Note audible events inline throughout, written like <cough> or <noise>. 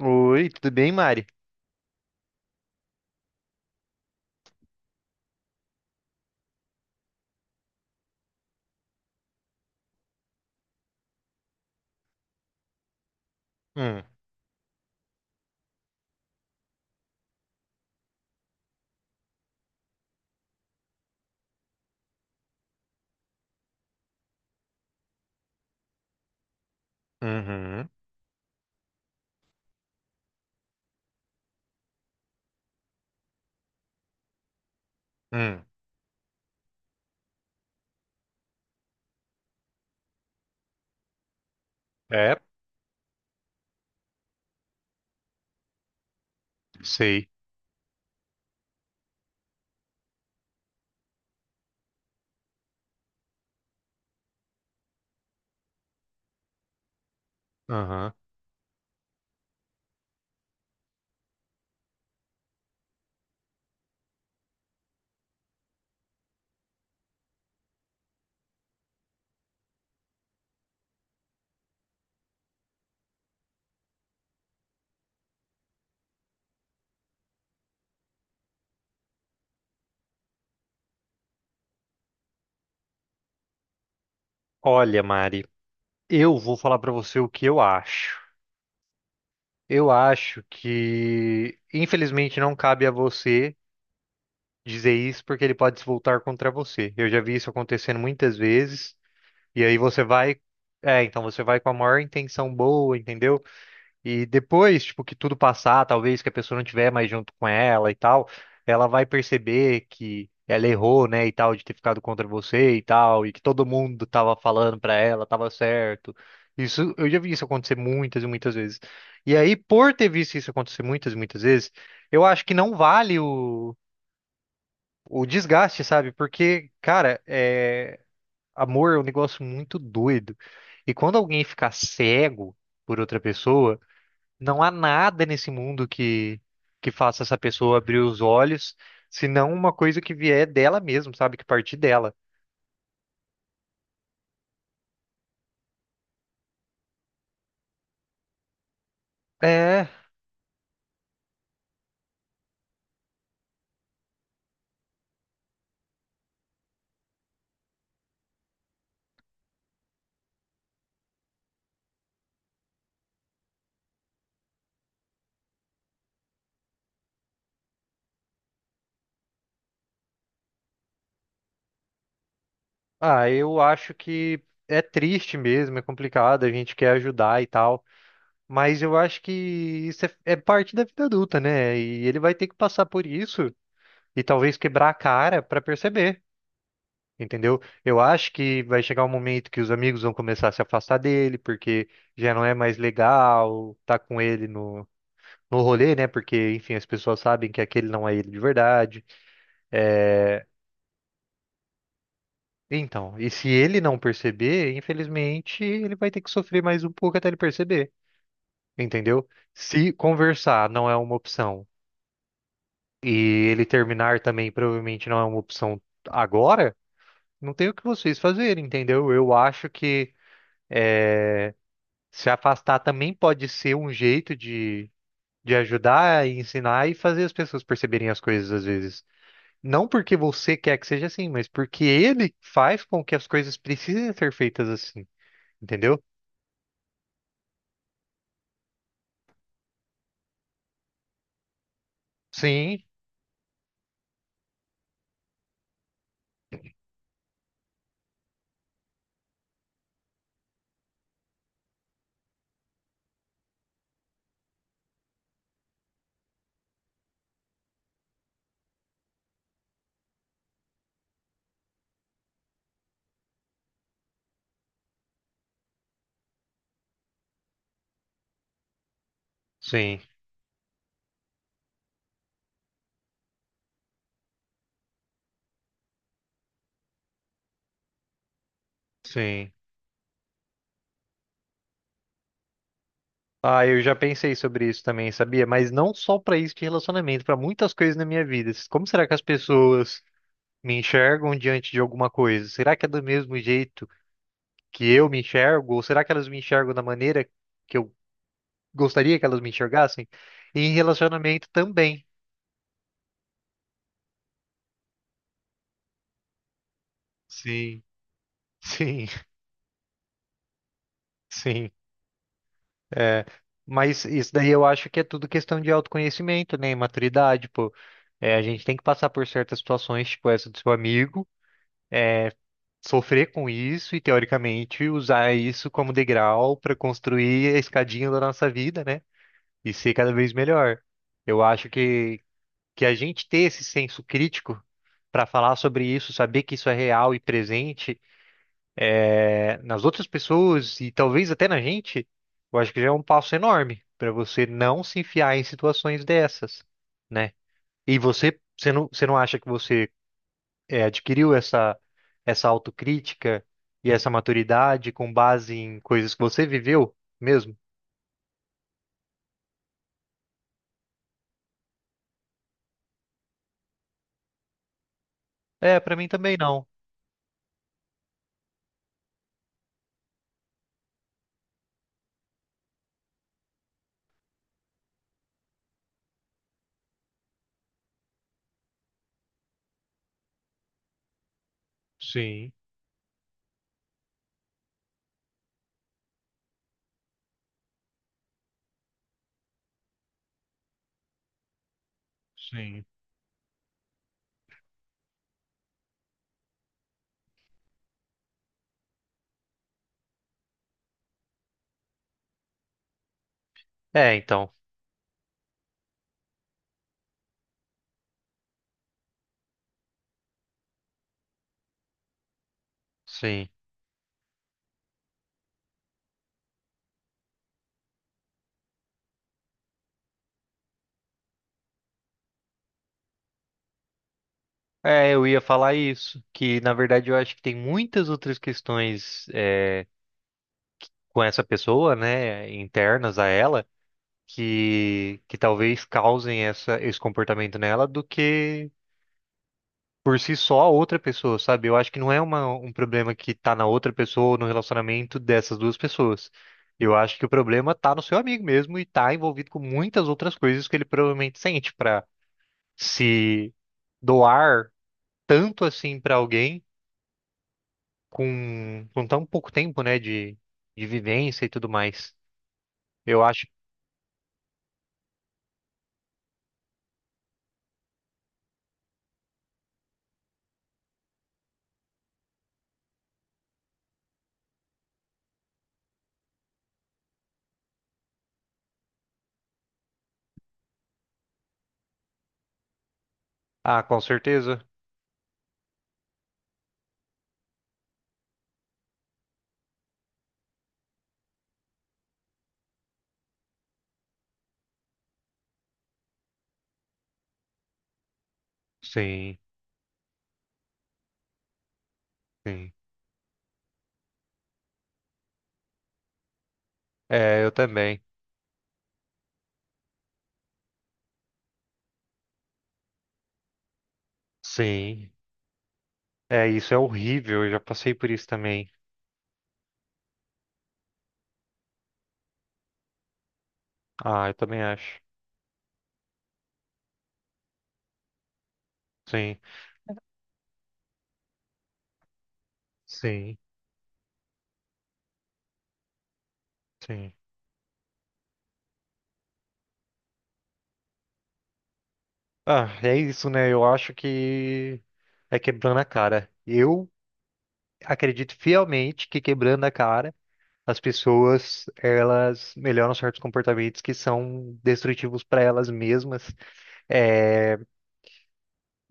Oi, tudo bem, Mari? Hum, uhum, hum, é, sei. Aham. Olha, Mari, eu vou falar pra você o que eu acho. Eu acho que, infelizmente, não cabe a você dizer isso porque ele pode se voltar contra você. Eu já vi isso acontecendo muitas vezes, e aí você vai. É, então você vai com a maior intenção boa, entendeu? E depois, tipo, que tudo passar, talvez que a pessoa não tiver mais junto com ela e tal, ela vai perceber que ela errou, né, e tal, de ter ficado contra você e tal, e que todo mundo tava falando pra ela, tava certo. Isso, eu já vi isso acontecer muitas e muitas vezes. E aí, por ter visto isso acontecer muitas e muitas vezes, eu acho que não vale o desgaste, sabe? Porque, cara, é, amor é um negócio muito doido. E quando alguém ficar cego por outra pessoa, não há nada nesse mundo que faça essa pessoa abrir os olhos, senão uma coisa que vier dela mesmo, sabe? Que partir dela. É, ah, eu acho que é triste mesmo, é complicado, a gente quer ajudar e tal, mas eu acho que isso é parte da vida adulta, né? E ele vai ter que passar por isso e talvez quebrar a cara pra perceber, entendeu? Eu acho que vai chegar um momento que os amigos vão começar a se afastar dele, porque já não é mais legal tá com ele no rolê, né? Porque, enfim, as pessoas sabem que aquele não é ele de verdade. É, então, e se ele não perceber, infelizmente, ele vai ter que sofrer mais um pouco até ele perceber, entendeu? Se conversar não é uma opção e ele terminar também provavelmente não é uma opção agora, não tem o que vocês fazerem, entendeu? Eu acho que é, se afastar também pode ser um jeito de ajudar, ensinar e fazer as pessoas perceberem as coisas às vezes. Não porque você quer que seja assim, mas porque ele faz com que as coisas precisem ser feitas assim, entendeu? Sim, sim, sim. Ah, eu já pensei sobre isso também, sabia? Mas não só pra isso de relacionamento, pra muitas coisas na minha vida. Como será que as pessoas me enxergam diante de alguma coisa? Será que é do mesmo jeito que eu me enxergo? Ou será que elas me enxergam da maneira que eu gostaria que elas me enxergassem? E em relacionamento também. Sim, sim, <laughs> sim. É, mas isso daí eu acho que é tudo questão de autoconhecimento, né? E maturidade, pô. É, a gente tem que passar por certas situações, tipo essa do seu amigo, sofrer com isso e, teoricamente, usar isso como degrau para construir a escadinha da nossa vida, né? E ser cada vez melhor. Eu acho que a gente ter esse senso crítico para falar sobre isso, saber que isso é real e presente nas outras pessoas e talvez até na gente, eu acho que já é um passo enorme para você não se enfiar em situações dessas, né? E você, você não acha que você é, adquiriu essa autocrítica e essa maturidade com base em coisas que você viveu mesmo? É, para mim também não. Sim, sim. É, então, sim. É, eu ia falar isso, que na verdade eu acho que tem muitas outras questões é, com essa pessoa, né, internas a ela, que talvez causem essa, esse comportamento nela do que por si só a outra pessoa, sabe? Eu acho que não é uma, um problema que tá na outra pessoa ou no relacionamento dessas duas pessoas. Eu acho que o problema tá no seu amigo mesmo e tá envolvido com muitas outras coisas que ele provavelmente sente pra se doar tanto assim pra alguém com tão pouco tempo, né, de vivência e tudo mais. Eu acho. Ah, com certeza. Sim, sim. É, eu também. Sim. É, isso é horrível, eu já passei por isso também. Ah, eu também acho. Sim, sim, sim. Ah, é isso, né? Eu acho que é quebrando a cara. Eu acredito fielmente que quebrando a cara, as pessoas, elas melhoram certos comportamentos que são destrutivos para elas mesmas. É,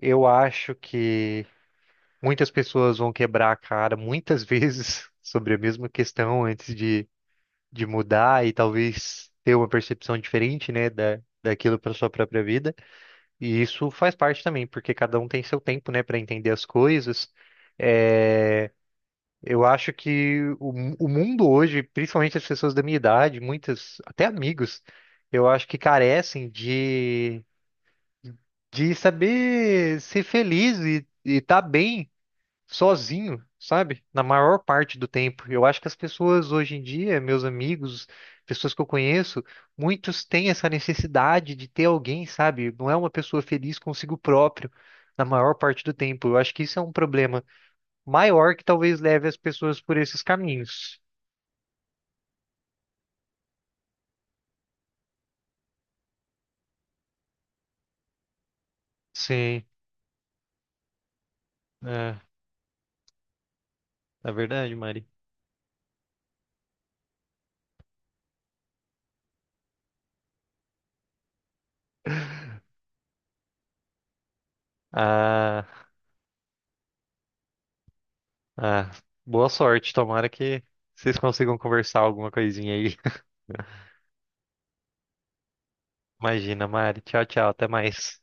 eu acho que muitas pessoas vão quebrar a cara muitas <laughs> vezes sobre a mesma questão antes de mudar e talvez ter uma percepção diferente, né, da, daquilo para sua própria vida. E isso faz parte também, porque cada um tem seu tempo, né, para entender as coisas. É, eu acho que o, mu- o mundo hoje, principalmente as pessoas da minha idade, muitas, até amigos, eu acho que carecem de saber ser feliz e estar bem sozinho, sabe? Na maior parte do tempo. Eu acho que as pessoas hoje em dia, meus amigos, pessoas que eu conheço, muitos têm essa necessidade de ter alguém, sabe? Não é uma pessoa feliz consigo próprio na maior parte do tempo. Eu acho que isso é um problema maior que talvez leve as pessoas por esses caminhos. Sim, é, é verdade, Mari. Ah, ah, boa sorte, tomara que vocês consigam conversar alguma coisinha aí. <laughs> Imagina, Mari. Tchau, tchau, até mais.